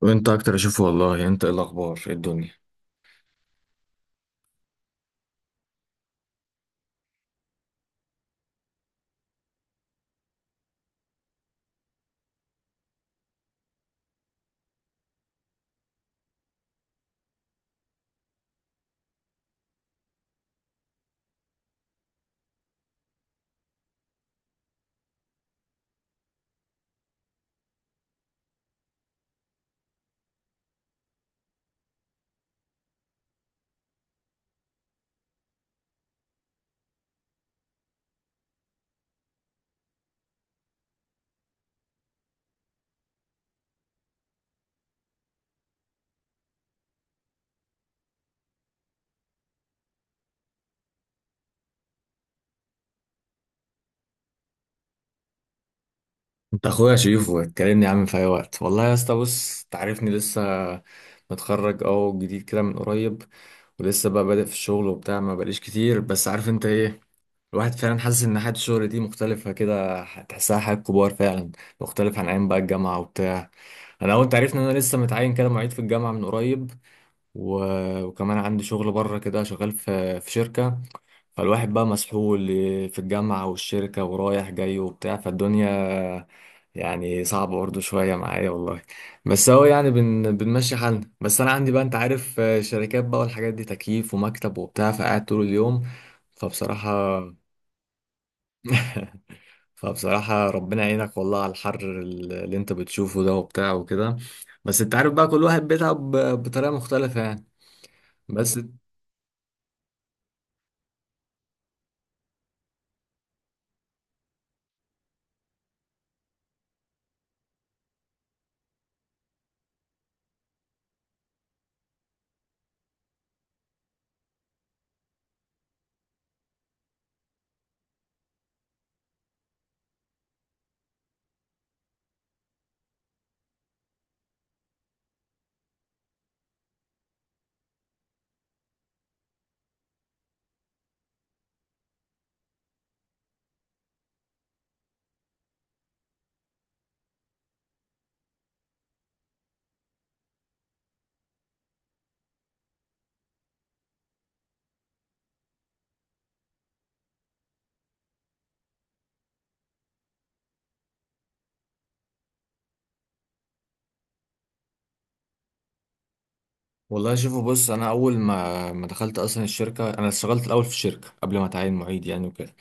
وانت اكتر اشوفه والله. يعني انت ايه الاخبار؟ ايه الدنيا؟ انت اخويا شريفه، اتكلمني يا عم في اي وقت والله يا اسطى. بص، تعرفني لسه متخرج او جديد كده من قريب. ولسه بقى بادئ في الشغل وبتاع، ما بقاليش كتير، بس عارف انت ايه. الواحد فعلا حاسس ان حياة الشغل دي مختلفة، كده تحسها حياة كبار فعلا، مختلف عن ايام بقى الجامعة وبتاع. انا اول تعرفني ان انا لسه متعين كده معيد في الجامعة من قريب، و- وكمان عندي شغل بره كده، شغال في شركة. فالواحد بقى مسحول في الجامعة والشركة ورايح جاي وبتاع، فالدنيا يعني صعبة برضه شوية معايا والله. بس هو يعني بنمشي حالنا. بس أنا عندي بقى أنت عارف، شركات بقى والحاجات دي، تكييف ومكتب وبتاع، فقاعد طول اليوم. فبصراحة فبصراحة، ربنا يعينك والله على الحر اللي أنت بتشوفه ده وبتاع وكده. بس أنت عارف بقى، كل واحد بيتعب بطريقة مختلفة يعني. بس. والله، شوفوا، بص، انا اول ما دخلت اصلا الشركه، انا اشتغلت الاول في الشركه قبل ما اتعين معيد يعني وكده.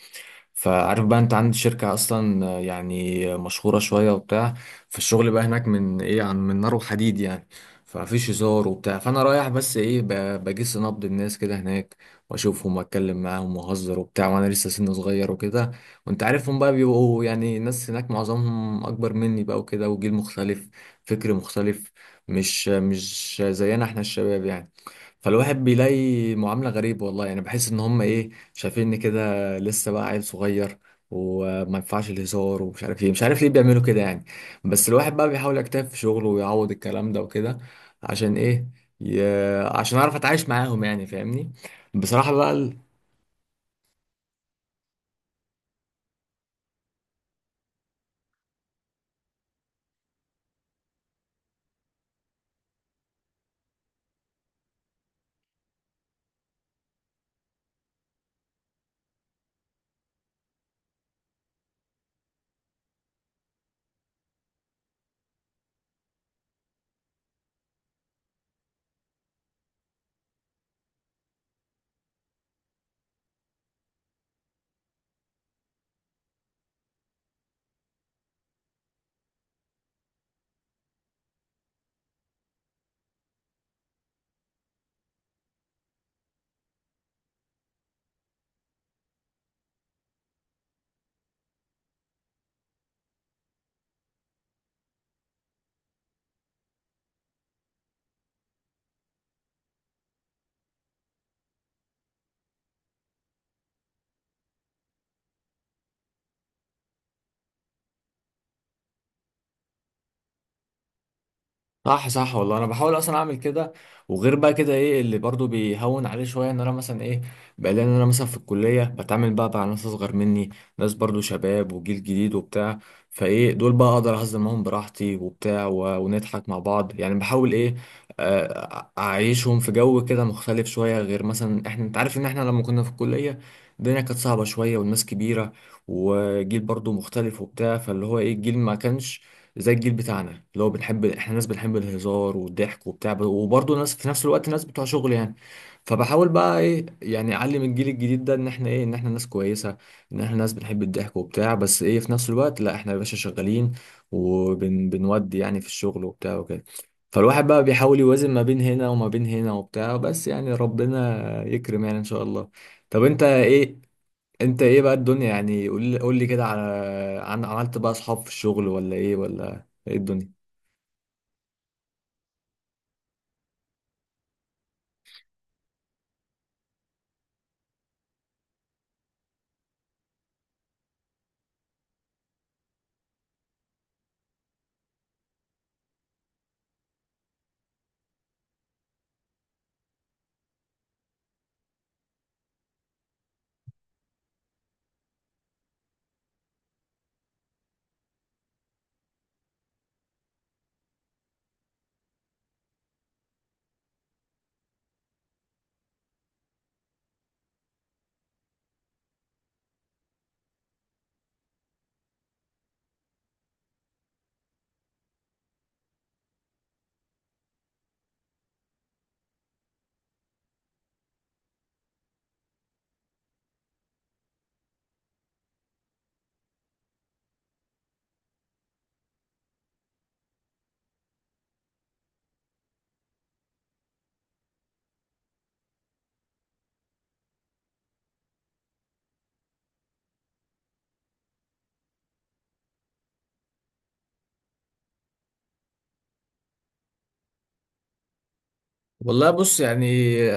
فعارف بقى انت عندي شركة اصلا، يعني مشهورة شوية وبتاع. فالشغل بقى هناك من ايه، عن من نار وحديد يعني. فمفيش هزار وبتاع، فانا رايح بس ايه، بجس نبض الناس كده هناك، واشوفهم واتكلم معاهم واهزر وبتاع، وانا لسه سن صغير وكده. وانت عارفهم بقى بيبقوا يعني، الناس هناك معظمهم اكبر مني بقى وكده، وجيل مختلف، فكر مختلف. مش زينا احنا الشباب يعني. فالواحد بيلاقي معاملة غريبة والله، يعني بحس ان هم ايه، شايفيني كده لسه بقى عيل صغير، وما ينفعش الهزار، ومش عارف ايه، مش عارف ليه بيعملوا كده يعني. بس الواحد بقى بيحاول يجتهد في شغله ويعوض الكلام ده وكده. عشان ايه؟ ي... عشان اعرف اتعايش معاهم يعني، فاهمني. بصراحة بقى. صح صح والله، انا بحاول اصلا اعمل كده. وغير بقى كده، ايه اللي برضو بيهون عليه شويه؟ ان انا مثلا ايه بقى، لان انا مثلا في الكليه بتعامل بقى مع ناس اصغر مني، ناس برضو شباب وجيل جديد وبتاع. فايه دول بقى اقدر اهزر معاهم براحتي وبتاع، ونضحك مع بعض يعني، بحاول ايه، اعيشهم في جو كده مختلف شويه، غير مثلا احنا، انت عارف ان احنا لما كنا في الكليه، الدنيا كانت صعبه شويه والناس كبيره، وجيل برضو مختلف وبتاع، فاللي هو ايه، الجيل ما كانش زي الجيل بتاعنا، اللي هو بنحب، احنا ناس بنحب الهزار والضحك وبتاع، وبرضه ناس في نفس الوقت، ناس بتوع شغل يعني. فبحاول بقى ايه، يعني اعلم الجيل الجديد ده ان احنا ايه، ان احنا ناس كويسه، ان احنا ناس بنحب الضحك وبتاع، بس ايه، في نفس الوقت لا، احنا يا باشا شغالين، وبنودي يعني في الشغل وبتاع وكده. فالواحد بقى بيحاول يوازن ما بين هنا وما بين هنا وبتاع، بس يعني ربنا يكرم يعني ان شاء الله. طب، انت ايه؟ بقى الدنيا يعني؟ قول لي، قول لي كده، عن عملت بقى اصحاب في الشغل ولا ايه؟ ولا ايه الدنيا؟ والله بص يعني،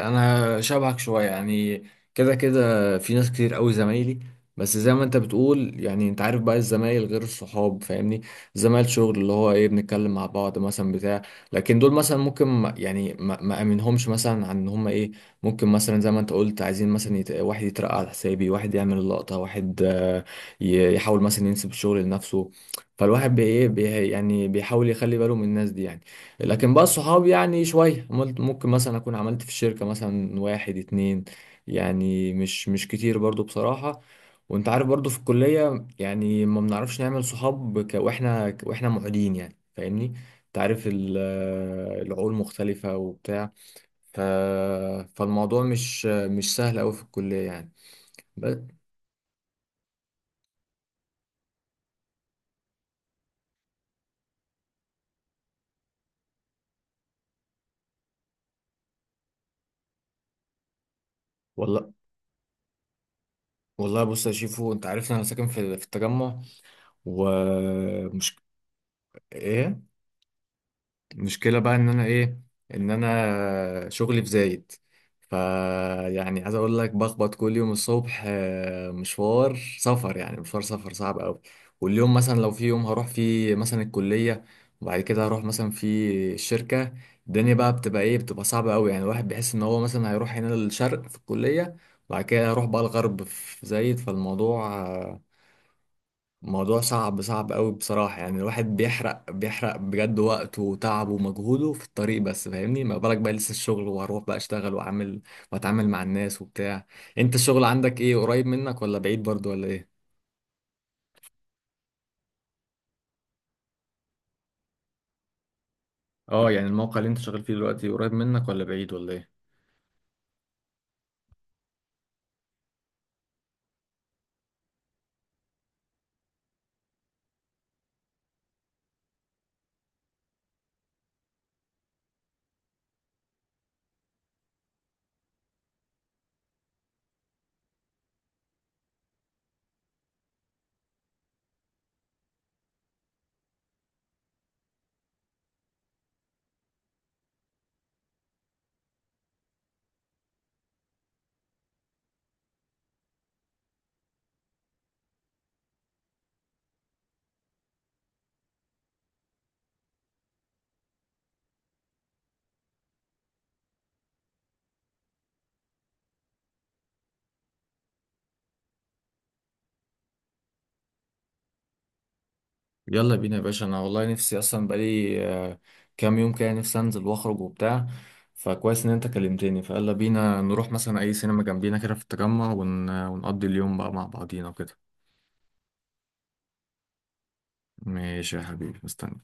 انا شبهك شويه يعني. كده كده في ناس كتير قوي زمايلي، بس زي ما انت بتقول يعني، انت عارف بقى الزمايل غير الصحاب، فاهمني. زمايل شغل، اللي هو ايه، بنتكلم مع بعض مثلا بتاع، لكن دول مثلا ممكن يعني ما امنهمش مثلا، عن ان هم ايه، ممكن مثلا زي ما انت قلت، عايزين مثلا واحد يترقى على حسابي، واحد يعمل اللقطه، واحد يحاول مثلا ينسب الشغل لنفسه. فالواحد إيه، يعني بيحاول يخلي باله من الناس دي يعني. لكن بقى الصحاب يعني شوية، عملت ممكن مثلا أكون عملت في الشركة مثلا واحد اتنين، يعني مش كتير برضو بصراحة. وأنت عارف برضو في الكلية يعني، ما بنعرفش نعمل صحاب وإحنا معيدين يعني، فاهمني. أنت عارف ال- العقول مختلفة وبتاع. ف... فالموضوع مش سهل أوي في الكلية يعني. بس. والله، بص يا شيفو، أنت عارف إن أنا ساكن في التجمع، ومش... إيه، المشكلة بقى ان انا ايه، ان انا شغلي في زايد. فيعني عايز اقول لك، بخبط كل يوم الصبح مشوار سفر، يعني مشوار سفر صعب قوي. واليوم مثلا لو في يوم هروح فيه مثلا الكلية، وبعد كده هروح مثلا في الشركة، الدنيا بقى بتبقى ايه، بتبقى صعبة قوي، يعني الواحد بيحس ان هو مثلا هيروح هنا للشرق في الكلية، وبعد كده هيروح بقى الغرب في زايد، موضوع صعب صعب قوي بصراحة، يعني الواحد بيحرق بيحرق بجد وقته وتعبه ومجهوده في الطريق بس، فاهمني. ما بالك بقى لسه الشغل، وهروح بقى اشتغل واعمل واتعامل مع الناس وبتاع. انت الشغل عندك ايه، قريب منك ولا بعيد برضو ولا ايه؟ اه يعني الموقع اللي انت شغال فيه دلوقتي قريب منك ولا بعيد ولا ايه؟ يلا بينا يا باشا، انا والله نفسي اصلا بقالي كام يوم كده، نفسي انزل واخرج وبتاع. فكويس ان انت كلمتني، فيلا بينا نروح مثلا اي سينما جنبينا كده في التجمع، ون... ونقضي اليوم بقى مع بعضينا وكده. ماشي يا حبيبي، مستني.